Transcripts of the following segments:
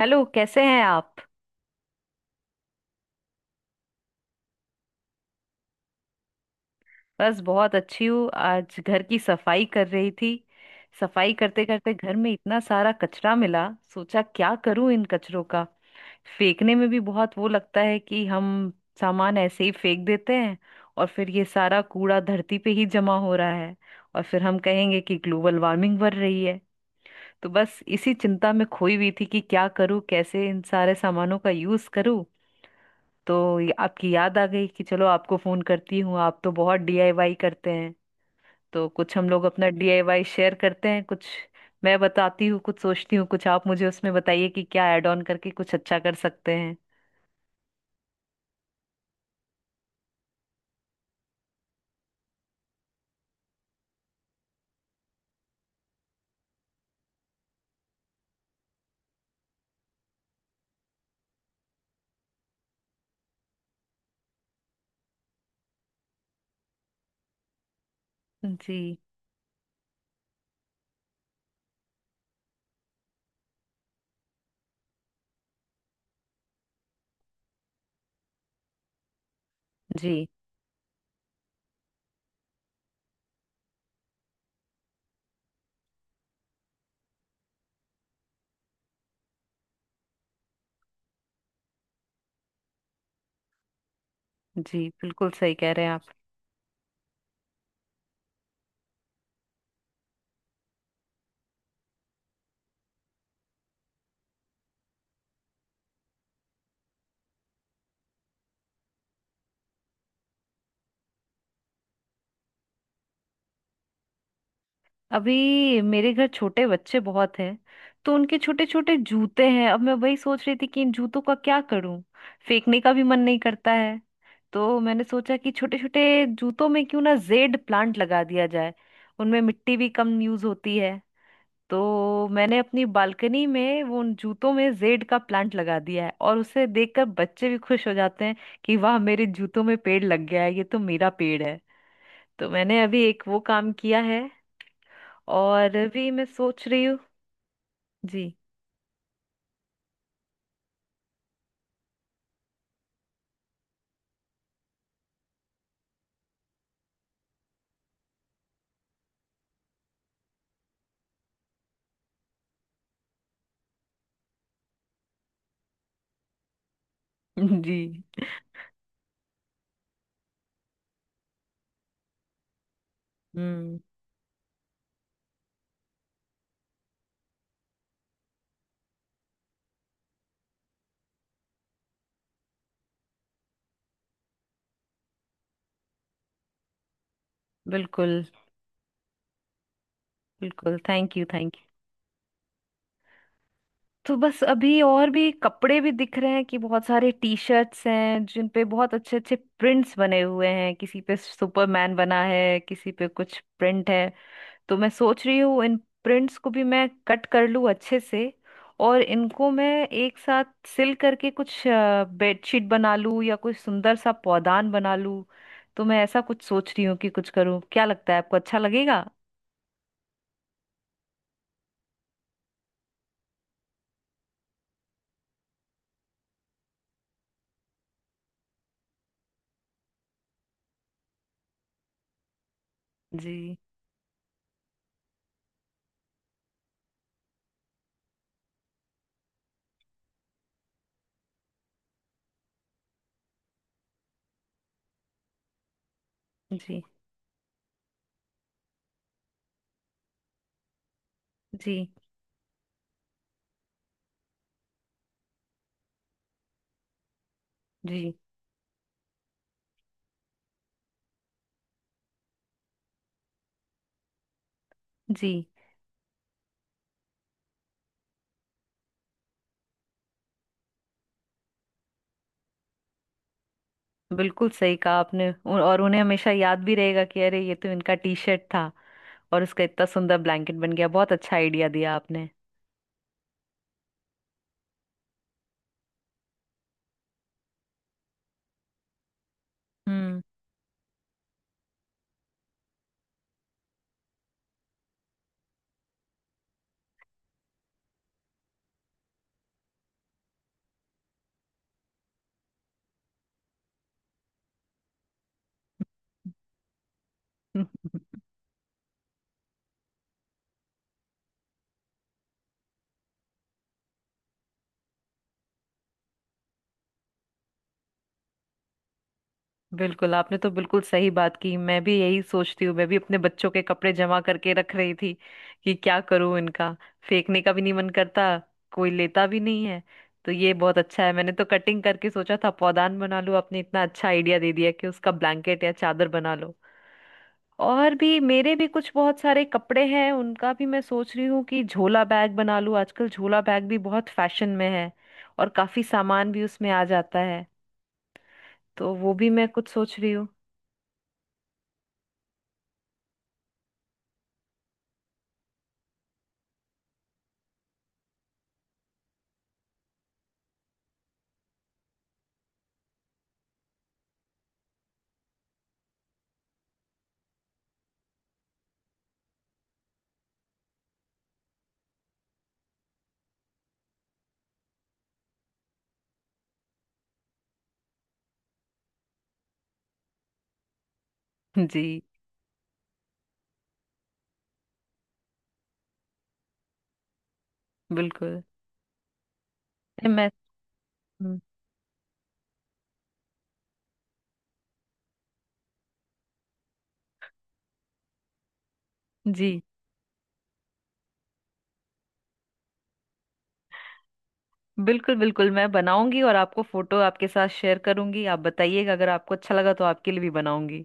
Hello कैसे हैं आप। बस बहुत अच्छी हूँ। आज घर की सफाई कर रही थी। सफाई करते करते घर में इतना सारा कचरा मिला। सोचा क्या करूँ इन कचरों का। फेंकने में भी बहुत वो लगता है कि हम सामान ऐसे ही फेंक देते हैं। और फिर ये सारा कूड़ा धरती पे ही जमा हो रहा है। और फिर हम कहेंगे कि ग्लोबल वार्मिंग बढ़ रही है। तो बस इसी चिंता में खोई हुई थी कि क्या करूँ, कैसे इन सारे सामानों का यूज़ करूँ। तो ये आपकी याद आ गई कि चलो आपको फोन करती हूँ, आप तो बहुत डीआईवाई करते हैं। तो कुछ हम लोग अपना डीआईवाई शेयर करते हैं कुछ। मैं बताती हूँ कुछ, सोचती हूँ कुछ, आप मुझे उसमें बताइए कि क्या ऐड ऑन करके कुछ अच्छा कर सकते हैं। जी। जी जी बिल्कुल सही कह रहे हैं आप। अभी मेरे घर छोटे बच्चे बहुत हैं। तो उनके छोटे छोटे जूते हैं। अब मैं वही सोच रही थी कि इन जूतों का क्या करूं। फेंकने का भी मन नहीं करता है। तो मैंने सोचा कि छोटे छोटे जूतों में क्यों ना जेड प्लांट लगा दिया जाए। उनमें मिट्टी भी कम यूज होती है। तो मैंने अपनी बालकनी में वो उन जूतों में जेड का प्लांट लगा दिया है, और उसे देखकर बच्चे भी खुश हो जाते हैं कि वाह मेरे जूतों में पेड़ लग गया है, ये तो मेरा पेड़ है। तो मैंने अभी एक वो काम किया है, और भी मैं सोच रही हूँ। जी। जी। हम्म। बिल्कुल बिल्कुल। Thank you thank you. तो बस अभी और भी कपड़े भी दिख रहे हैं कि बहुत सारे टी शर्ट्स हैं जिन पे बहुत अच्छे अच्छे प्रिंट्स बने हुए हैं। किसी पे सुपरमैन बना है, किसी पे कुछ प्रिंट है। तो मैं सोच रही हूँ इन प्रिंट्स को भी मैं कट कर लूँ अच्छे से, और इनको मैं एक साथ सिल करके कुछ बेडशीट बना लूँ या कुछ सुंदर सा पौधान बना लूँ। तो मैं ऐसा कुछ सोच रही हूँ कि कुछ करूँ। क्या लगता है आपको, अच्छा लगेगा? जी। जी। जी। जी जी बिल्कुल सही कहा आपने। और उन्हें हमेशा याद भी रहेगा कि अरे ये तो इनका टी शर्ट था और उसका इतना सुंदर ब्लैंकेट बन गया। बहुत अच्छा आइडिया दिया आपने। हम्म। बिल्कुल आपने तो बिल्कुल सही बात की। मैं भी यही सोचती हूँ। मैं भी अपने बच्चों के कपड़े जमा करके रख रही थी कि क्या करूँ इनका। फेंकने का भी नहीं मन करता, कोई लेता भी नहीं है। तो ये बहुत अच्छा है। मैंने तो कटिंग करके सोचा था पौधान बना लूँ, आपने इतना अच्छा आइडिया दे दिया कि उसका ब्लैंकेट या चादर बना लो। और भी मेरे भी कुछ बहुत सारे कपड़े हैं, उनका भी मैं सोच रही हूँ कि झोला बैग बना लूँ। आजकल झोला बैग भी बहुत फैशन में है, और काफी सामान भी उसमें आ जाता है। तो वो भी मैं कुछ सोच रही हूँ। जी। बिल्कुल नहीं, मैं। हम्म। जी बिल्कुल बिल्कुल। मैं बनाऊंगी और आपको फोटो आपके साथ शेयर करूंगी। आप बताइएगा, अगर आपको अच्छा लगा तो आपके लिए भी बनाऊंगी।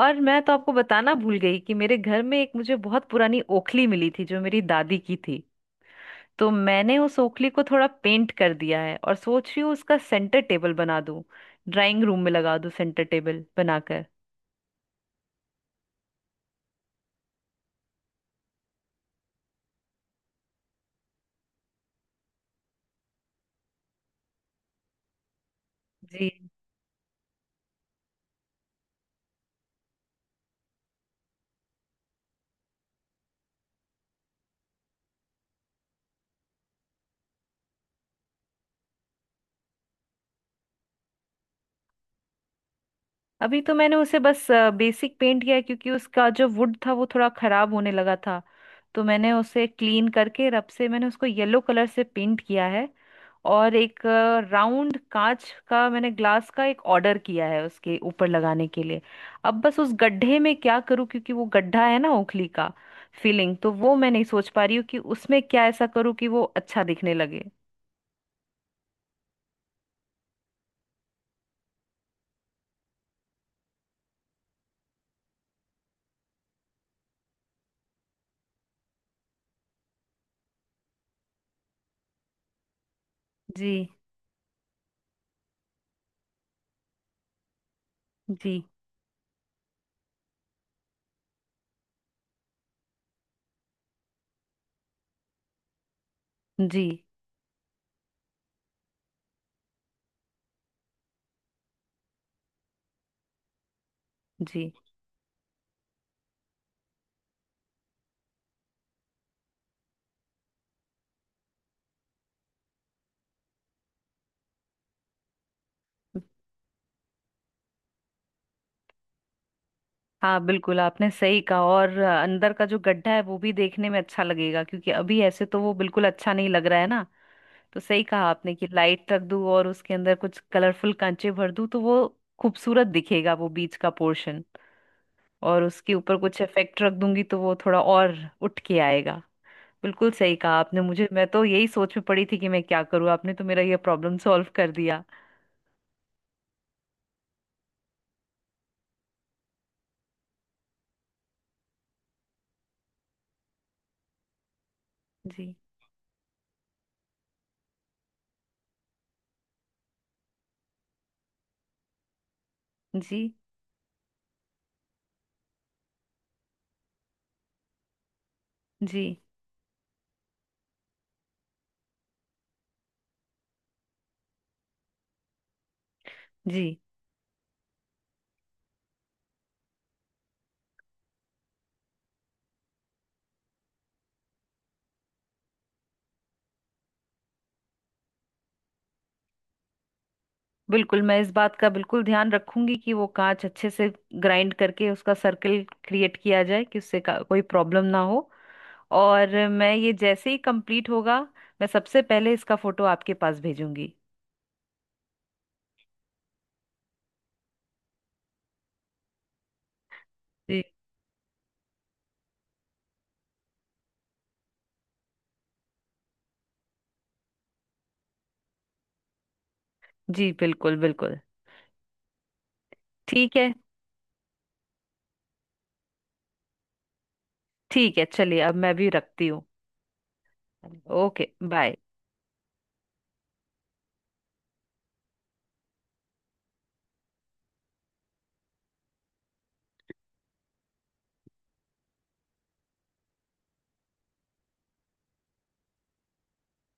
और मैं तो आपको बताना भूल गई कि मेरे घर में एक मुझे बहुत पुरानी ओखली मिली थी, जो मेरी दादी की थी। तो मैंने उस ओखली को थोड़ा पेंट कर दिया है, और सोच रही हूँ उसका सेंटर टेबल बना दूं, ड्राइंग रूम में लगा दूं सेंटर टेबल बनाकर। जी। अभी तो मैंने उसे बस बेसिक पेंट किया है, क्योंकि उसका जो वुड था वो थोड़ा खराब होने लगा था। तो मैंने उसे क्लीन करके रब से मैंने उसको येलो कलर से पेंट किया है। और एक राउंड कांच का, मैंने ग्लास का एक ऑर्डर किया है उसके ऊपर लगाने के लिए। अब बस उस गड्ढे में क्या करूं, क्योंकि वो गड्ढा है ना ओखली का। फीलिंग तो वो मैं नहीं सोच पा रही हूँ कि उसमें क्या ऐसा करूँ कि वो अच्छा दिखने लगे। जी। जी। जी। जी। हाँ बिल्कुल आपने सही कहा। अंदर का जो गड्ढा है वो भी देखने में अच्छा लगेगा, क्योंकि अभी ऐसे तो वो बिल्कुल अच्छा नहीं लग रहा है ना। तो सही कहा आपने कि लाइट रख दूं और उसके अंदर कुछ कलरफुल कांचे भर दूं, तो वो खूबसूरत दिखेगा वो बीच का पोर्शन। और उसके ऊपर कुछ इफेक्ट रख दूंगी तो वो थोड़ा और उठ के आएगा। बिल्कुल सही कहा आपने मुझे। मैं तो यही सोच में पड़ी थी कि मैं क्या करूं, आपने तो मेरा ये प्रॉब्लम सॉल्व कर दिया। जी। जी। जी। जी बिल्कुल, मैं इस बात का बिल्कुल ध्यान रखूंगी कि वो कांच अच्छे से ग्राइंड करके उसका सर्कल क्रिएट किया जाए कि कोई प्रॉब्लम ना हो। और मैं ये जैसे ही कंप्लीट होगा, मैं सबसे पहले इसका फोटो आपके पास भेजूंगी। जी। जी बिल्कुल बिल्कुल। ठीक है। ठीक है चलिए, अब मैं भी रखती हूँ। Okay bye.